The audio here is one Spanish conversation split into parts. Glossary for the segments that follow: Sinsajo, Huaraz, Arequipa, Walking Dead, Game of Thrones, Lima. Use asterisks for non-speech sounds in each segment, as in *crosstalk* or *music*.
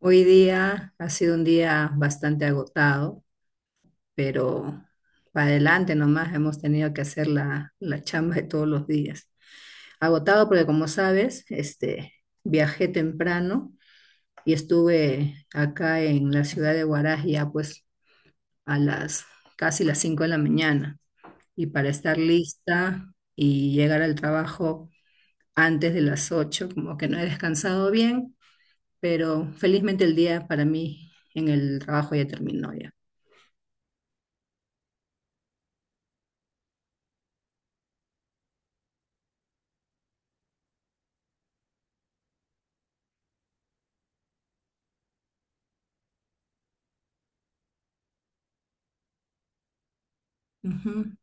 Hoy día ha sido un día bastante agotado, pero para adelante nomás hemos tenido que hacer la chamba de todos los días. Agotado porque como sabes, este, viajé temprano y estuve acá en la ciudad de Huaraz ya pues a las casi las 5 de la mañana, y para estar lista y llegar al trabajo antes de las 8 como que no he descansado bien, pero felizmente el día para mí en el trabajo ya terminó ya. Ujú.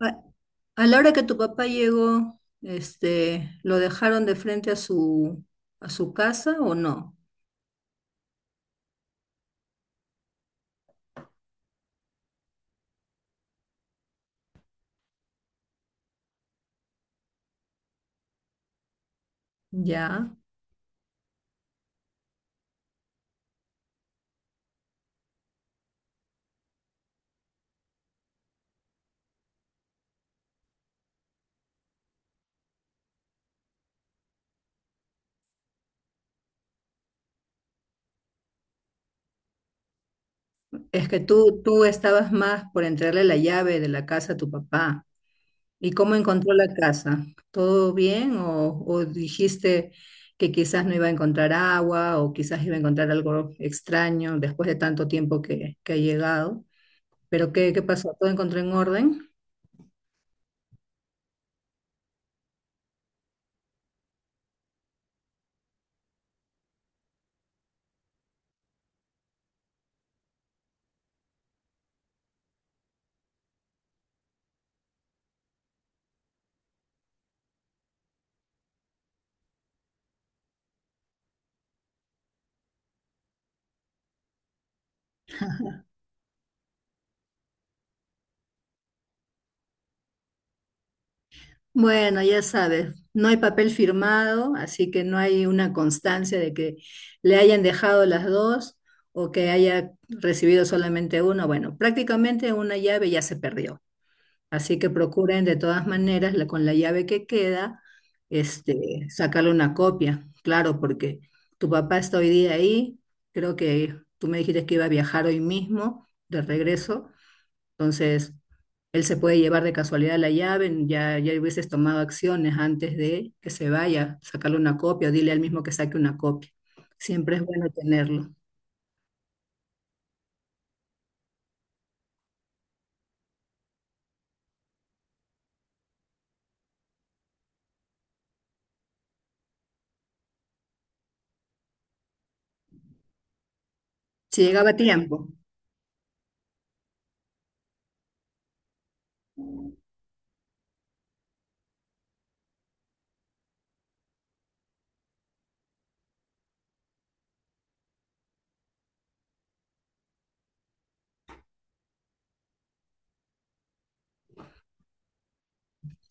A, a la hora que tu papá llegó, este, ¿lo dejaron de frente a su casa o no? Ya. Es que tú estabas más por entregarle la llave de la casa a tu papá. ¿Y cómo encontró la casa? ¿Todo bien? O dijiste que quizás no iba a encontrar agua o quizás iba a encontrar algo extraño después de tanto tiempo que ha llegado? ¿Pero qué, qué pasó? ¿Todo encontró en orden? Bueno, ya sabes, no hay papel firmado, así que no hay una constancia de que le hayan dejado las dos o que haya recibido solamente uno. Bueno, prácticamente una llave ya se perdió, así que procuren de todas maneras la- con la llave que queda, este, sacarle una copia, claro, porque tu papá está hoy día ahí, creo que tú me dijiste que iba a viajar hoy mismo de regreso. Entonces, él se puede llevar de casualidad la llave, ya, ya hubieses tomado acciones antes de que se vaya, sacarle una copia o dile al mismo que saque una copia. Siempre es bueno tenerlo. Si llegaba a tiempo.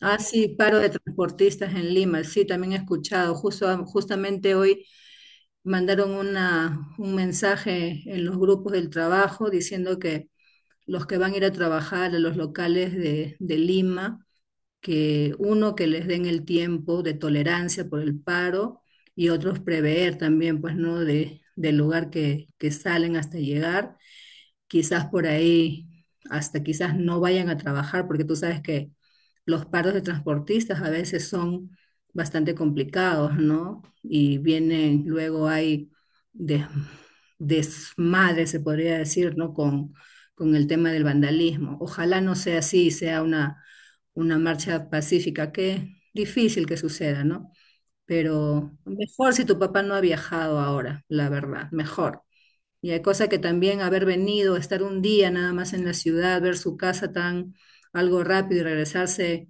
Ah, sí, paro de transportistas en Lima. Sí, también he escuchado. Justo, justamente hoy mandaron una, un mensaje en los grupos del trabajo diciendo que los que van a ir a trabajar a los locales de Lima, que uno, que les den el tiempo de tolerancia por el paro, y otros prever también, pues, ¿no? De, del lugar que salen hasta llegar, quizás por ahí, hasta quizás no vayan a trabajar, porque tú sabes que los paros de transportistas a veces son bastante complicados, ¿no? Y vienen, luego hay des- desmadre, se podría decir, ¿no? Con el tema del vandalismo. Ojalá no sea así, sea una marcha pacífica, que difícil que suceda, ¿no? Pero mejor si tu papá no ha viajado ahora, la verdad, mejor. Y hay cosa que también haber venido, estar un día nada más en la ciudad, ver su casa tan algo rápido y regresarse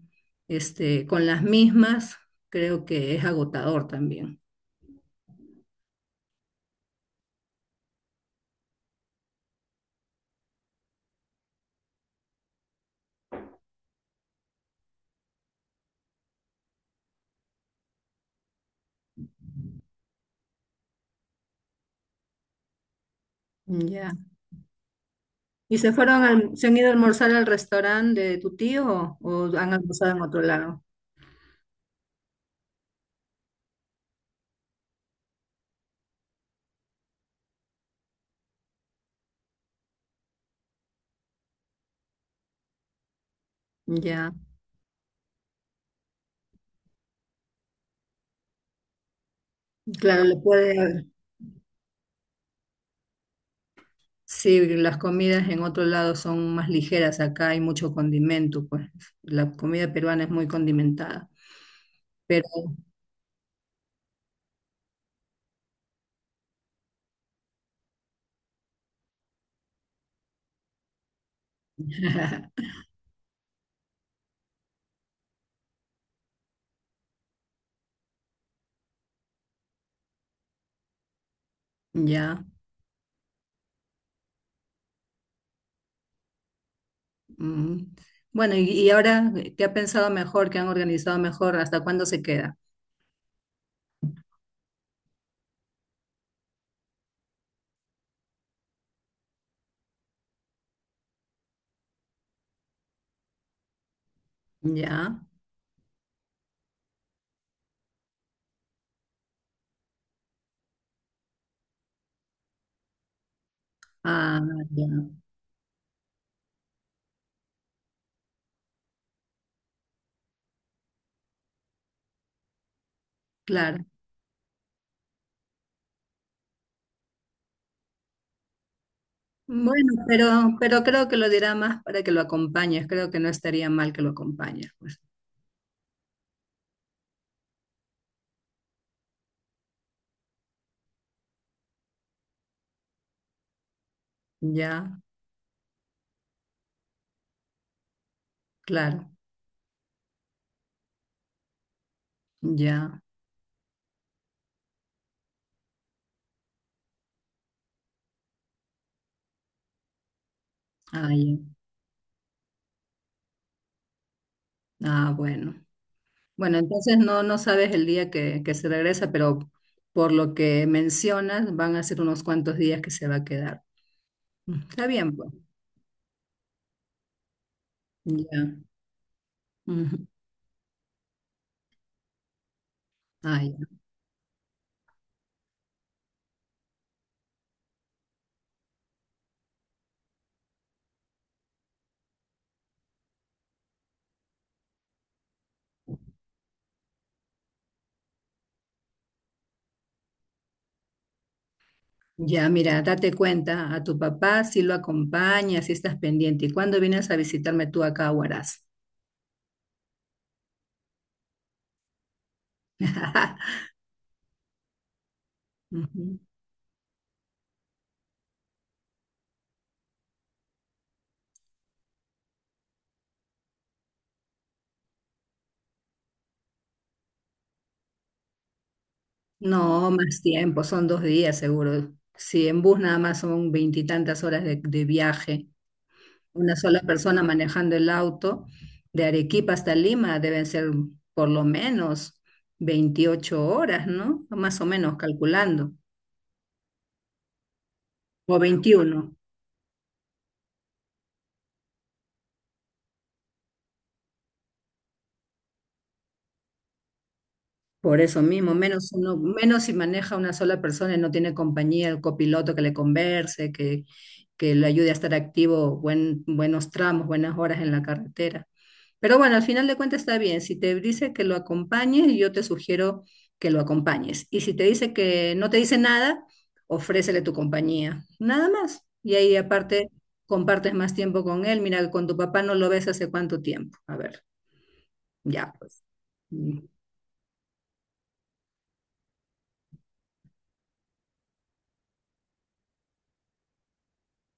este, con las mismas, creo que es agotador también. Ya. ¿Y se fueron, al- se han ido a almorzar al restaurante de tu tío o han almorzado en otro lado? Ya. Claro, le puede, sí, las comidas en otro lado son más ligeras, acá hay mucho condimento, pues la comida peruana es muy condimentada, pero *laughs* ya. Mm. Bueno, y ahora, ¿qué ha pensado mejor? ¿Qué han organizado mejor? ¿Hasta cuándo se queda? Ya. Ah, ya, claro. Bueno, pero creo que lo dirá más para que lo acompañes, creo que no estaría mal que lo acompañes, pues. Ya, claro, ya. Ah, ya. Ah, bueno. Bueno, entonces no, no sabes el día que se regresa, pero por lo que mencionas, van a ser unos cuantos días que se va a quedar. Mm. Está bien, pues. Ya. Ujú. Ah, ya. Ya, mira, date cuenta, a tu papá si lo acompañas, si estás pendiente. ¿Y cuándo vienes a visitarme tú acá a Huaraz? *laughs* Ujú. No, más tiempo, son dos días seguro. Si en bus nada más son veintitantas horas de viaje una sola persona manejando el auto, de Arequipa hasta Lima deben ser por lo menos 28 horas, ¿no? Más o menos calculando, o 21. Por eso mismo, menos uno, menos si maneja una sola persona y no tiene compañía, el copiloto que le converse, que le ayude a estar activo buen, buenos tramos, buenas horas en la carretera. Pero bueno, al final de cuentas está bien. Si te dice que lo acompañes, yo te sugiero que lo acompañes. Y si te dice que no te dice nada, ofrécele tu compañía. Nada más. Y ahí aparte compartes más tiempo con él. Mira, con tu papá no lo ves hace cuánto tiempo. A ver, ya pues. Mm.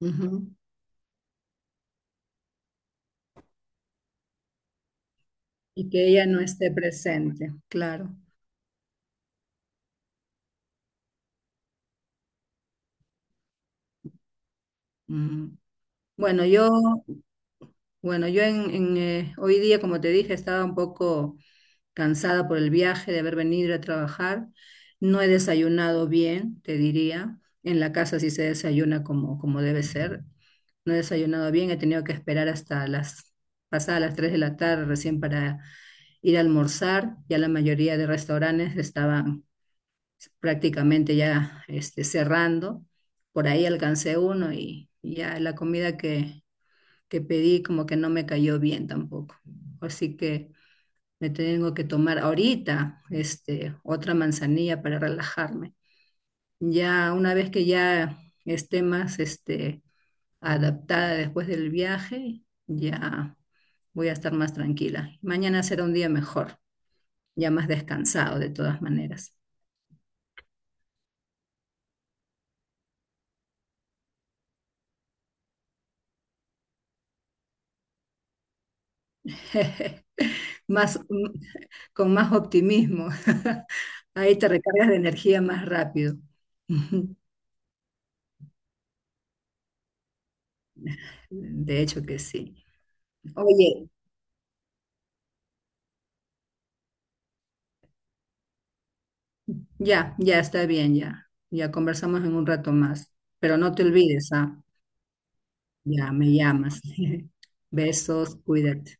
Ujú. Y que ella no esté presente, claro. Mm. Bueno, yo, bueno, yo en, hoy día, como te dije, estaba un poco cansada por el viaje, de haber venido a trabajar. No he desayunado bien, te diría. En la casa sí se desayuna como, como debe ser. No he desayunado bien, he tenido que esperar hasta las pasadas las 3 de la tarde recién para ir a almorzar. Ya la mayoría de restaurantes estaban prácticamente ya este, cerrando. Por ahí alcancé uno y ya la comida que pedí como que no me cayó bien tampoco. Así que me tengo que tomar ahorita este, otra manzanilla para relajarme. Ya una vez que ya esté más este, adaptada después del viaje, ya voy a estar más tranquila. Mañana será un día mejor, ya más descansado de todas maneras. *laughs* Más, mm, con más optimismo. *laughs* Ahí te recargas de energía más rápido. *laughs* De hecho que sí. Oye, ya, ya está bien, ya. Ya conversamos en un rato más. Pero no te olvides, ¿ah? Ya me llamas. *laughs* Besos, cuídate.